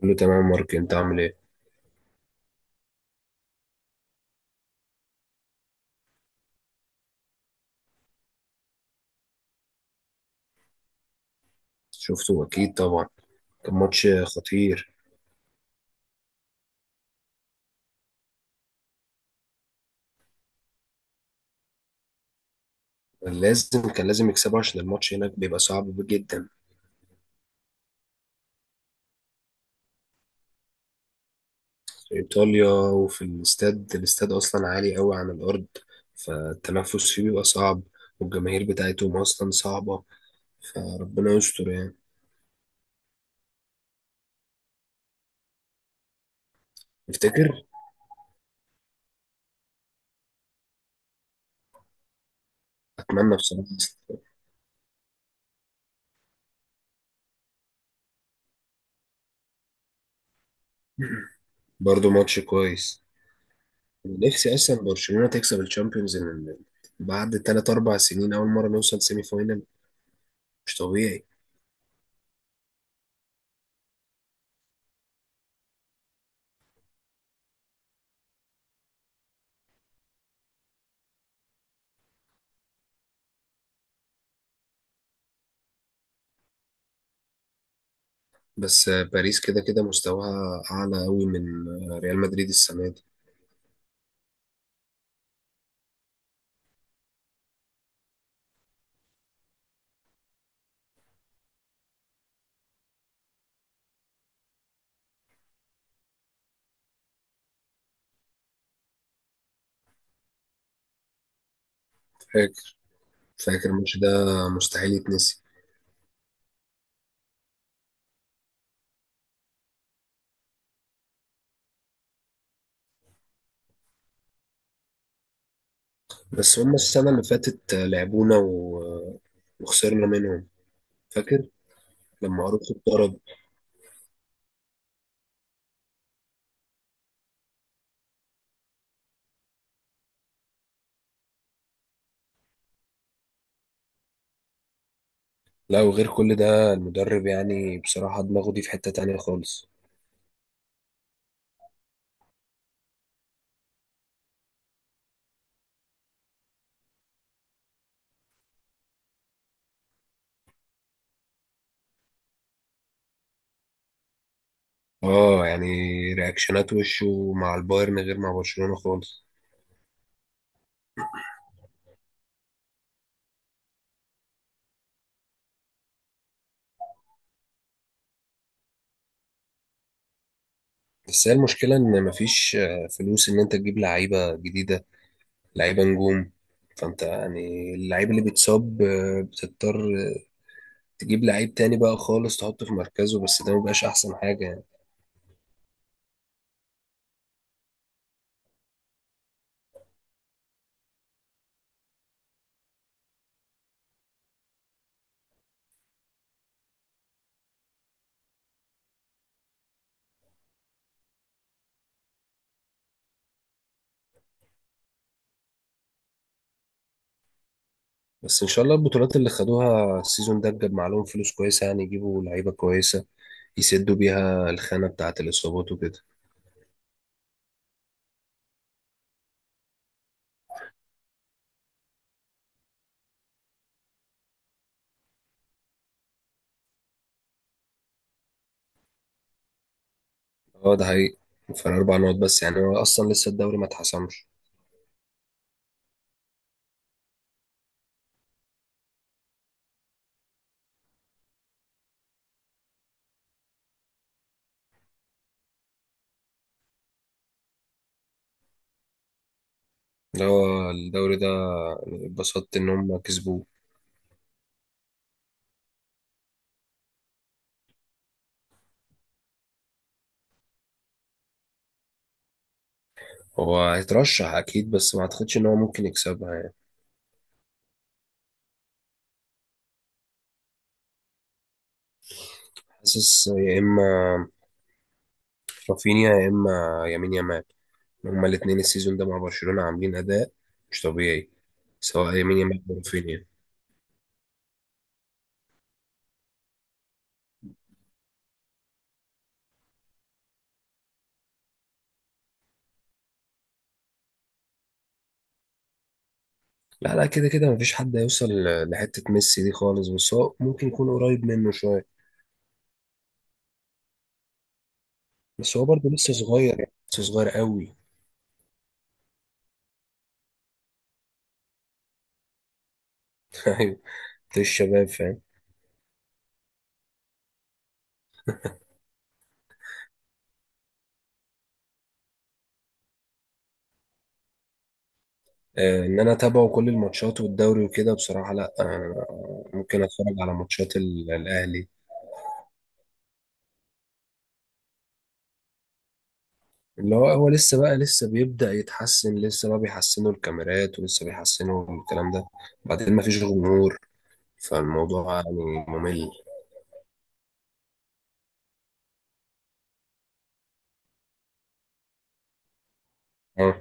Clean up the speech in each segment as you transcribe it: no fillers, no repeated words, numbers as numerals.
كله تمام يا مارك، انت عامل ايه؟ شفته اكيد طبعا. كان ماتش خطير. كان لازم يكسبه عشان الماتش هناك بيبقى صعب جدا. في ايطاليا، وفي الاستاد اصلا عالي قوي عن الارض، فالتنفس فيه بيبقى صعب، والجماهير بتاعتهم اصلا صعبة، فربنا يستر يعني. تفتكر؟ اتمنى بصراحة. برضه ماتش كويس. نفسي اصلا برشلونة تكسب الشامبيونز، لأن بعد 3 4 سنين اول مرة نوصل سيمي فاينل، مش طبيعي. بس باريس كده كده مستواها أعلى أوي من ريال مدريد السنة دي. فاكر. فاكر الماتش ده، مستحيل يتنسي. بس هما السنة اللي فاتت لعبونا وخسرنا منهم، فاكر، لما أروخو اتطرد. لا، وغير كل ده المدرب يعني بصراحة دماغه دي في حتة تانية خالص. اه يعني رياكشنات وشه مع البايرن غير مع برشلونة خالص. بس هي المشكلة إن مفيش فلوس إن أنت تجيب لعيبة جديدة، لعيبه نجوم. فانت يعني اللعيب اللي بيتصاب بتضطر تجيب لعيب تاني بقى خالص، تحطه في مركزه، بس ده مبقاش احسن حاجه يعني. بس ان شاء الله البطولات اللي خدوها السيزون ده جاب معاهم فلوس كويسه، يعني يجيبوا لعيبه كويسه يسدوا بيها الخانه بتاعه الاصابات وكده. اه ده حقيقي. فرق اربع نقط بس، يعني هو اصلا لسه الدوري ما اتحسمش. اللي هو الدوري ده اتبسطت ان هم كسبوه. هو هيترشح اكيد، بس ما اعتقدش ان هو ممكن يكسبها يعني. حاسس يا اما رافينيا، يا اما يمين يامال. هما الاثنين السيزون ده مع برشلونة عاملين اداء مش طبيعي، سواء يمين يامال او رافينيا. لا لا، كده كده مفيش حد هيوصل لحتة ميسي دي خالص، بس هو ممكن يكون قريب منه شوية. بس هو برضه لسه صغير يعني، لسه صغير قوي. ايوه، في الشباب فاهم. آه ان انا اتابعه كل الماتشات والدوري وكده، بصراحة لا، آه ممكن اتفرج على ماتشات الاهلي. اللي هو هو لسه بقى لسه بيبدأ يتحسن، لسه بقى بيحسنوا الكاميرات ولسه بيحسنوا الكلام ده، بعدين ما فيش جمهور، فالموضوع يعني ممل. اه،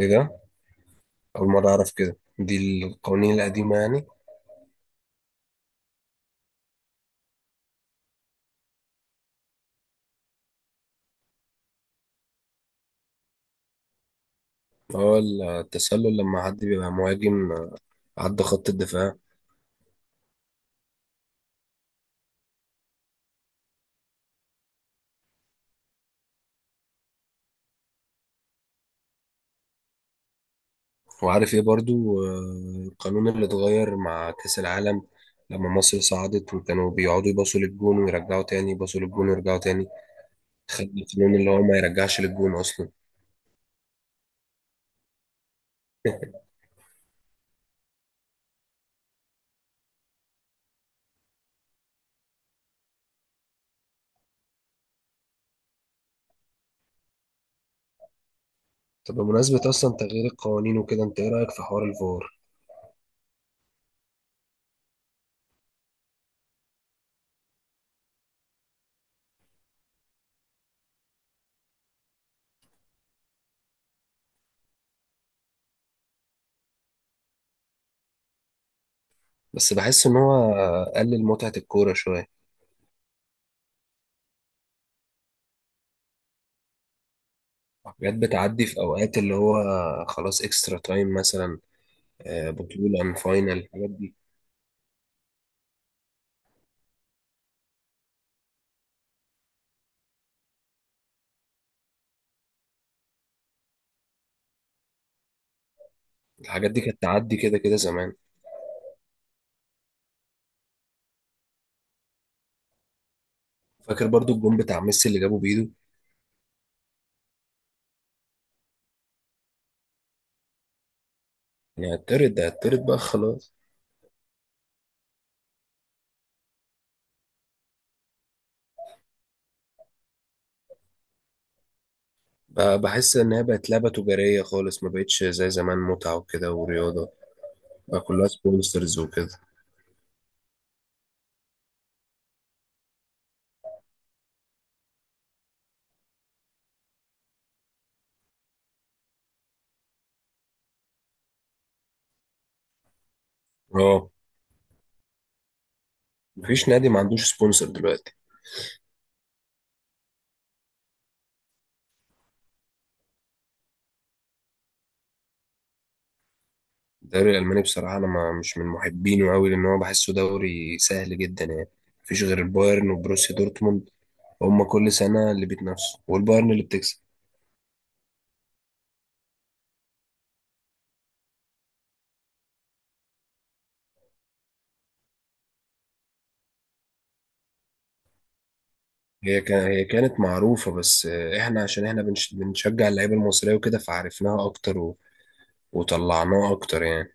ايه ده؟ أول مرة أعرف كده، دي القوانين القديمة يعني. هو التسلل لما حد بيبقى مهاجم عدى خط الدفاع. وعارف ايه برضو القانون اللي اتغير مع كأس العالم، لما مصر صعدت وكانوا بيقعدوا يباصوا للجون ويرجعوا تاني، يباصوا للجون ويرجعوا تاني. خد القانون اللي هو ما يرجعش للجون أصلا. طب بمناسبة أصلا تغيير القوانين وكده، أنت إيه رأيك في حوار الفار؟ بس بحس إن هو قلل متعة الكورة شوية. حاجات بتعدي في أوقات اللي هو خلاص، إكسترا تايم مثلا، بطولة عن فاينل، الحاجات دي. الحاجات دي كانت تعدي كده كده زمان. فاكر برضو الجون بتاع ميسي اللي جابه بإيده؟ يعني هتطرد ده، هتطرد بقى خلاص. بقى بحس إن هي بقت لعبة تجارية خالص، ما بقتش زي زمان متعة وكده ورياضة. بقى كلها سبونسرز وكده. اه. مفيش نادي ما عندوش سبونسر دلوقتي. الدوري الألماني بصراحة أنا ما مش من محبينه أوي، لأن هو بحسه دوري سهل جدا يعني، مفيش غير البايرن وبروسيا دورتموند، هما كل سنة اللي بيتنافسوا والبايرن اللي بتكسب. هي كانت معروفة، بس إحنا عشان إحنا بنشجع اللعيبة المصرية وكده، فعرفناها أكتر وطلعناها أكتر يعني.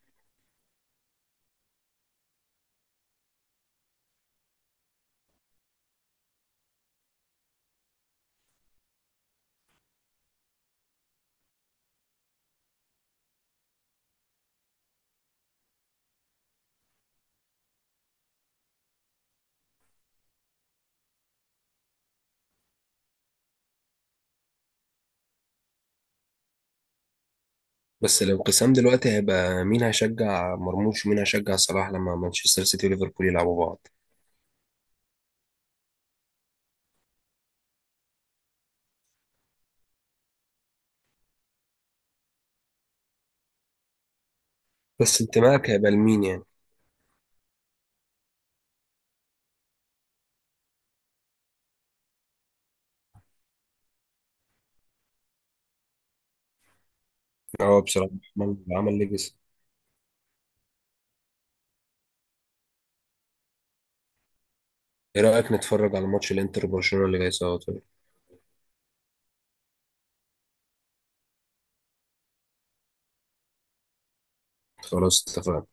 بس الانقسام دلوقتي هيبقى مين هيشجع مرموش ومين هيشجع صلاح لما مانشستر سيتي وليفربول يلعبوا بعض. بس انتمائك هيبقى لمين يعني؟ هو بصراحة عمل ليجاسي. ايه رأيك نتفرج على ماتش الانتر وبرشلونة اللي جاي سوا؟ طيب. خلاص اتفقنا.